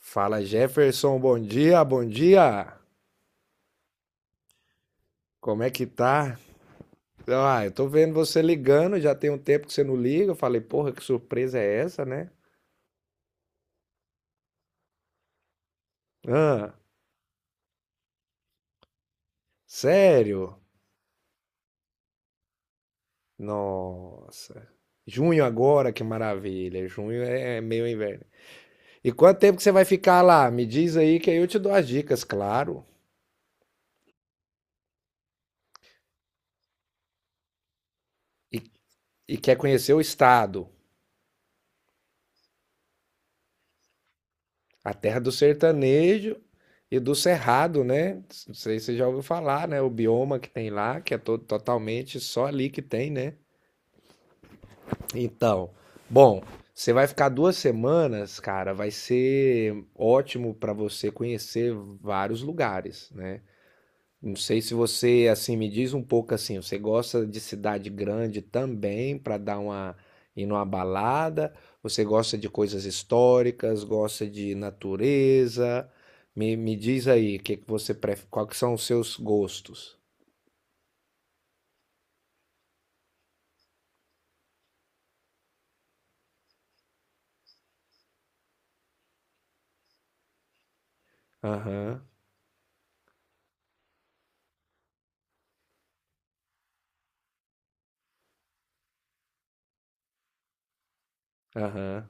Fala Jefferson, bom dia, bom dia. Como é que tá? Ah, eu tô vendo você ligando, já tem um tempo que você não liga. Eu falei, porra, que surpresa é essa, né? Ah, sério? Nossa. Junho agora, que maravilha. Junho é meio inverno. E quanto tempo que você vai ficar lá? Me diz aí que aí eu te dou as dicas, claro. E, e quer conhecer o estado? A terra do sertanejo e do cerrado, né? Não sei se você já ouviu falar, né? O bioma que tem lá, que é todo, totalmente só ali que tem, né? Então, bom, você vai ficar duas semanas, cara, vai ser ótimo para você conhecer vários lugares, né? Não sei se você, assim, me diz um pouco assim, você gosta de cidade grande também para dar uma ir numa balada? Você gosta de coisas históricas, gosta de natureza? Me diz aí, que você prefere, quais que são os seus gostos? Aham, aham,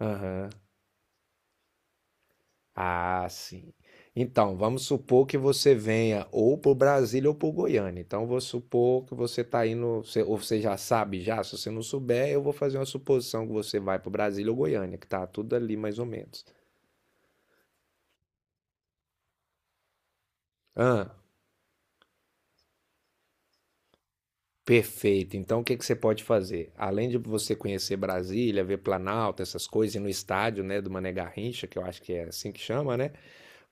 aham. Ah, sim. Então, vamos supor que você venha ou para Brasília ou para Goiânia. Então, vou supor que você está indo, ou você já sabe já. Se você não souber, eu vou fazer uma suposição que você vai para Brasília ou Goiânia, que tá tudo ali mais ou menos. Ah, perfeito. Então, o que que você pode fazer? Além de você conhecer Brasília, ver Planalto, essas coisas, e no estádio, né, do Mané Garrincha, que eu acho que é assim que chama, né?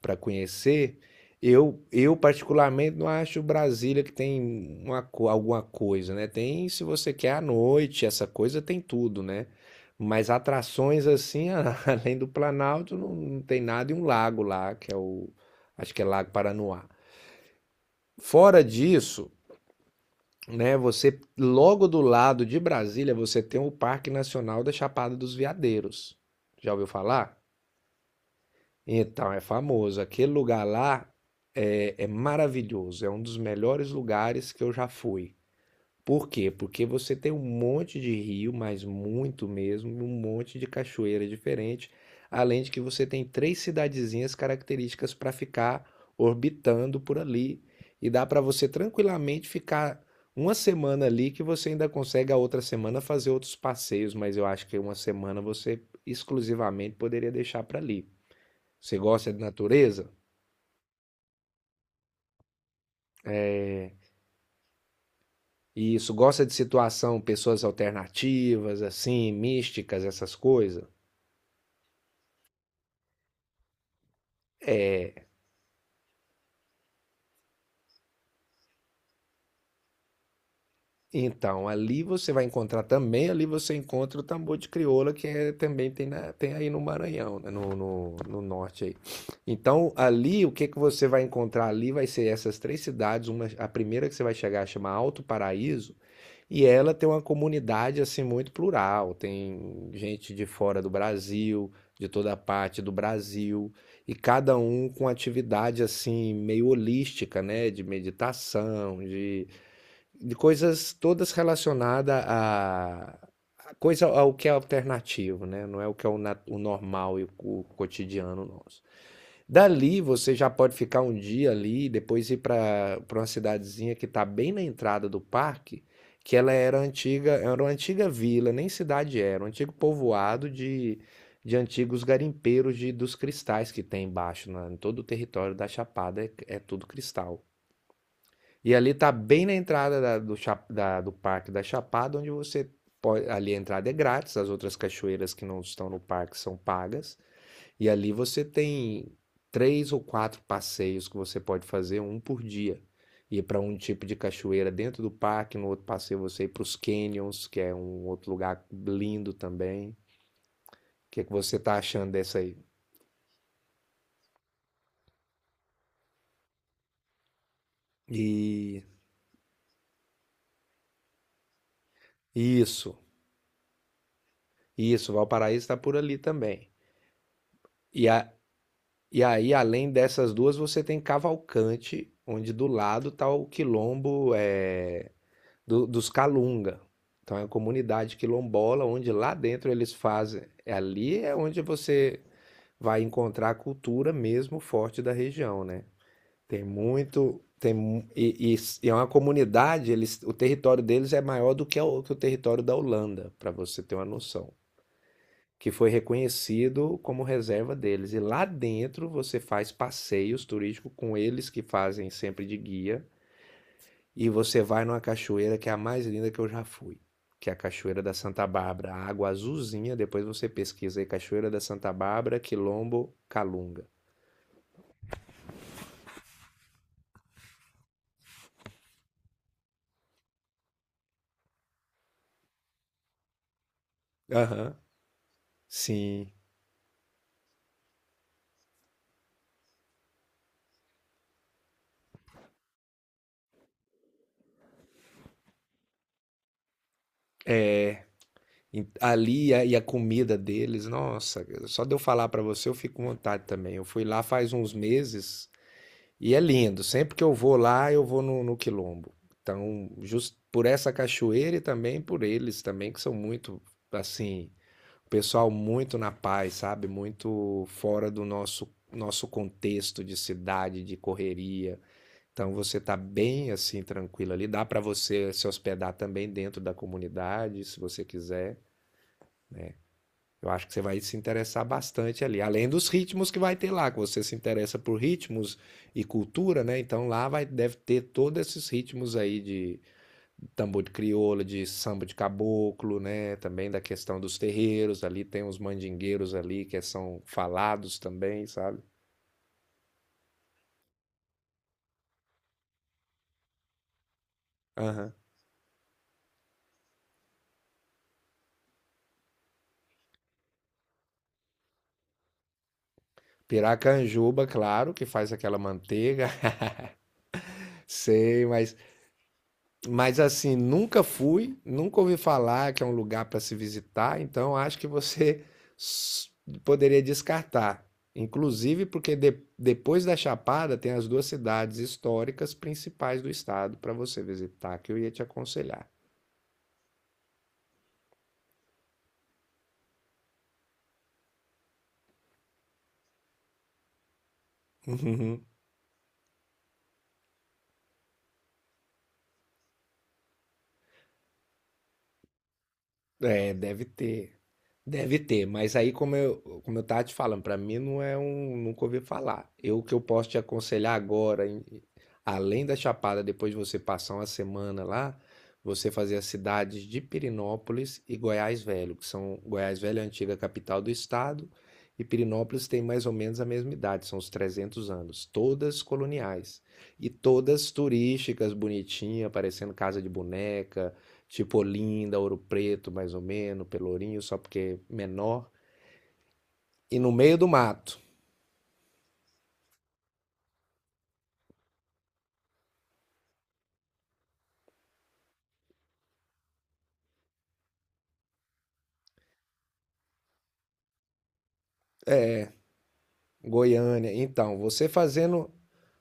Para conhecer. Eu particularmente não acho Brasília que tem uma, alguma coisa, né? Tem, se você quer à noite, essa coisa tem tudo, né? Mas atrações assim, além do Planalto, não tem nada e um lago lá, que é o, acho que é Lago Paranoá. Fora disso, né, você logo do lado de Brasília, você tem o Parque Nacional da Chapada dos Veadeiros. Já ouviu falar? Então, é famoso. Aquele lugar lá é maravilhoso. É um dos melhores lugares que eu já fui. Por quê? Porque você tem um monte de rio, mas muito mesmo, e um monte de cachoeira diferente. Além de que você tem três cidadezinhas características para ficar orbitando por ali. E dá para você tranquilamente ficar uma semana ali, que você ainda consegue a outra semana fazer outros passeios. Mas eu acho que uma semana você exclusivamente poderia deixar para ali. Você gosta de natureza? É, e isso, gosta de situação, pessoas alternativas, assim, místicas, essas coisas? É, então, ali você vai encontrar também, ali você encontra o tambor de crioula, que é, também tem, tem aí no Maranhão, né, no norte aí. Então, ali, o que que você vai encontrar ali vai ser essas três cidades, uma, a primeira que você vai chegar chama Alto Paraíso. E ela tem uma comunidade assim muito plural, tem gente de fora do Brasil, de toda parte do Brasil, e cada um com atividade assim meio holística, né, de meditação, de coisas todas relacionadas a coisa ao que é alternativo, né? Não é o que é o, o normal e o cotidiano nosso. Dali você já pode ficar um dia ali, depois ir para uma cidadezinha que está bem na entrada do parque, que ela era antiga, era uma antiga vila, nem cidade era, um antigo povoado de antigos garimpeiros de, dos cristais que tem embaixo, na, em todo o território da Chapada é tudo cristal. E ali está bem na entrada do parque da Chapada, onde você pode, ali a entrada é grátis, as outras cachoeiras que não estão no parque são pagas. E ali você tem três ou quatro passeios que você pode fazer, um por dia. Ir para um tipo de cachoeira dentro do parque, no outro passeio você ir para os canyons, que é um outro lugar lindo também. O que é que você está achando dessa aí? E isso, isso, Valparaíso está por ali também. E, a, e aí, além dessas duas, você tem Cavalcante, onde do lado está o Quilombo, é, dos Calunga. Então é uma comunidade quilombola onde lá dentro eles fazem. Ali é onde você vai encontrar a cultura mesmo forte da região, né? Tem muito, tem mu- e s- e é uma comunidade. Eles, o território deles é maior do que, que o território da Holanda, para você ter uma noção. Que foi reconhecido como reserva deles. E lá dentro você faz passeios turísticos com eles que fazem sempre de guia. E você vai numa cachoeira que é a mais linda que eu já fui, que é a Cachoeira da Santa Bárbara, água azulzinha. Depois você pesquisa aí Cachoeira da Santa Bárbara, Quilombo, Calunga. Aham, sim. É, ali e a comida deles, nossa, só de eu falar pra você eu fico com vontade também. Eu fui lá faz uns meses e é lindo. Sempre que eu vou lá, eu vou no Quilombo. Então, justo por essa cachoeira e também por eles também, que são muito, assim, o pessoal muito na paz, sabe? Muito fora do nosso contexto de cidade, de correria. Então você tá bem assim tranquilo ali. Dá para você se hospedar também dentro da comunidade, se você quiser. Eu acho que você vai se interessar bastante ali. Além dos ritmos que vai ter lá, que você se interessa por ritmos e cultura, né? Então lá vai, deve ter todos esses ritmos aí de, tambor de crioula, de samba de caboclo, né? Também da questão dos terreiros, ali tem uns mandingueiros ali que são falados também, sabe? Aham. Piracanjuba, claro, que faz aquela manteiga, sei, mas assim, nunca fui, nunca ouvi falar que é um lugar para se visitar, então acho que você s- poderia descartar. Inclusive porque depois da Chapada tem as duas cidades históricas principais do estado para você visitar, que eu ia te aconselhar. Uhum. É, deve ter. Deve ter, mas aí como eu tava te falando, pra mim não é um, nunca ouvi falar. Eu o que eu posso te aconselhar agora, além da Chapada, depois de você passar uma semana lá, você fazer as cidades de Pirinópolis e Goiás Velho, que são Goiás Velho é a antiga capital do estado e Pirinópolis tem mais ou menos a mesma idade, são os 300 anos, todas coloniais e todas turísticas, bonitinha, parecendo casa de boneca. Tipo Olinda, Ouro Preto, mais ou menos, Pelourinho, só porque é menor. E no meio do mato, Goiânia. Então, você fazendo.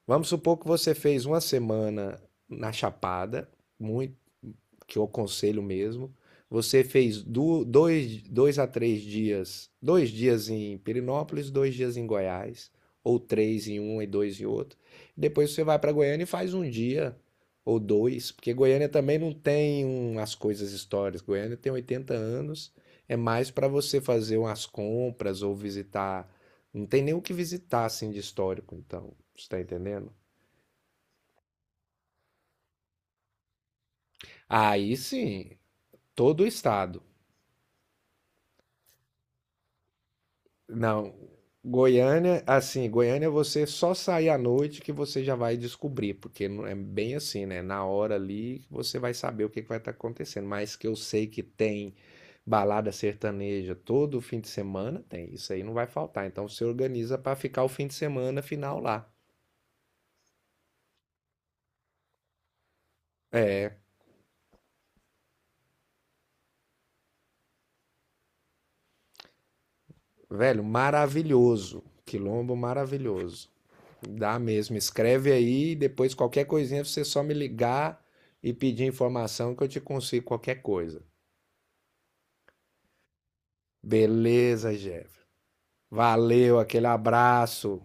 Vamos supor que você fez uma semana na Chapada, muito que eu aconselho mesmo. Você fez dois a três dias, dois dias em Perinópolis, dois dias em Goiás, ou três em um e dois em outro. Depois você vai para Goiânia e faz um dia ou dois, porque Goiânia também não tem um as coisas históricas. Goiânia tem 80 anos, é mais para você fazer umas compras ou visitar. Não tem nem o que visitar assim de histórico, então, você está entendendo? Aí sim, todo o estado. Não, Goiânia, assim, Goiânia você só sair à noite que você já vai descobrir, porque não é bem assim, né? Na hora ali que você vai saber o que que vai estar acontecendo. Mas que eu sei que tem balada sertaneja todo fim de semana, tem. Isso aí não vai faltar. Então você organiza para ficar o fim de semana final lá. É, velho, maravilhoso. Quilombo maravilhoso. Dá mesmo. Escreve aí, depois qualquer coisinha você só me ligar e pedir informação que eu te consigo qualquer coisa. Beleza, Jeff. Valeu, aquele abraço.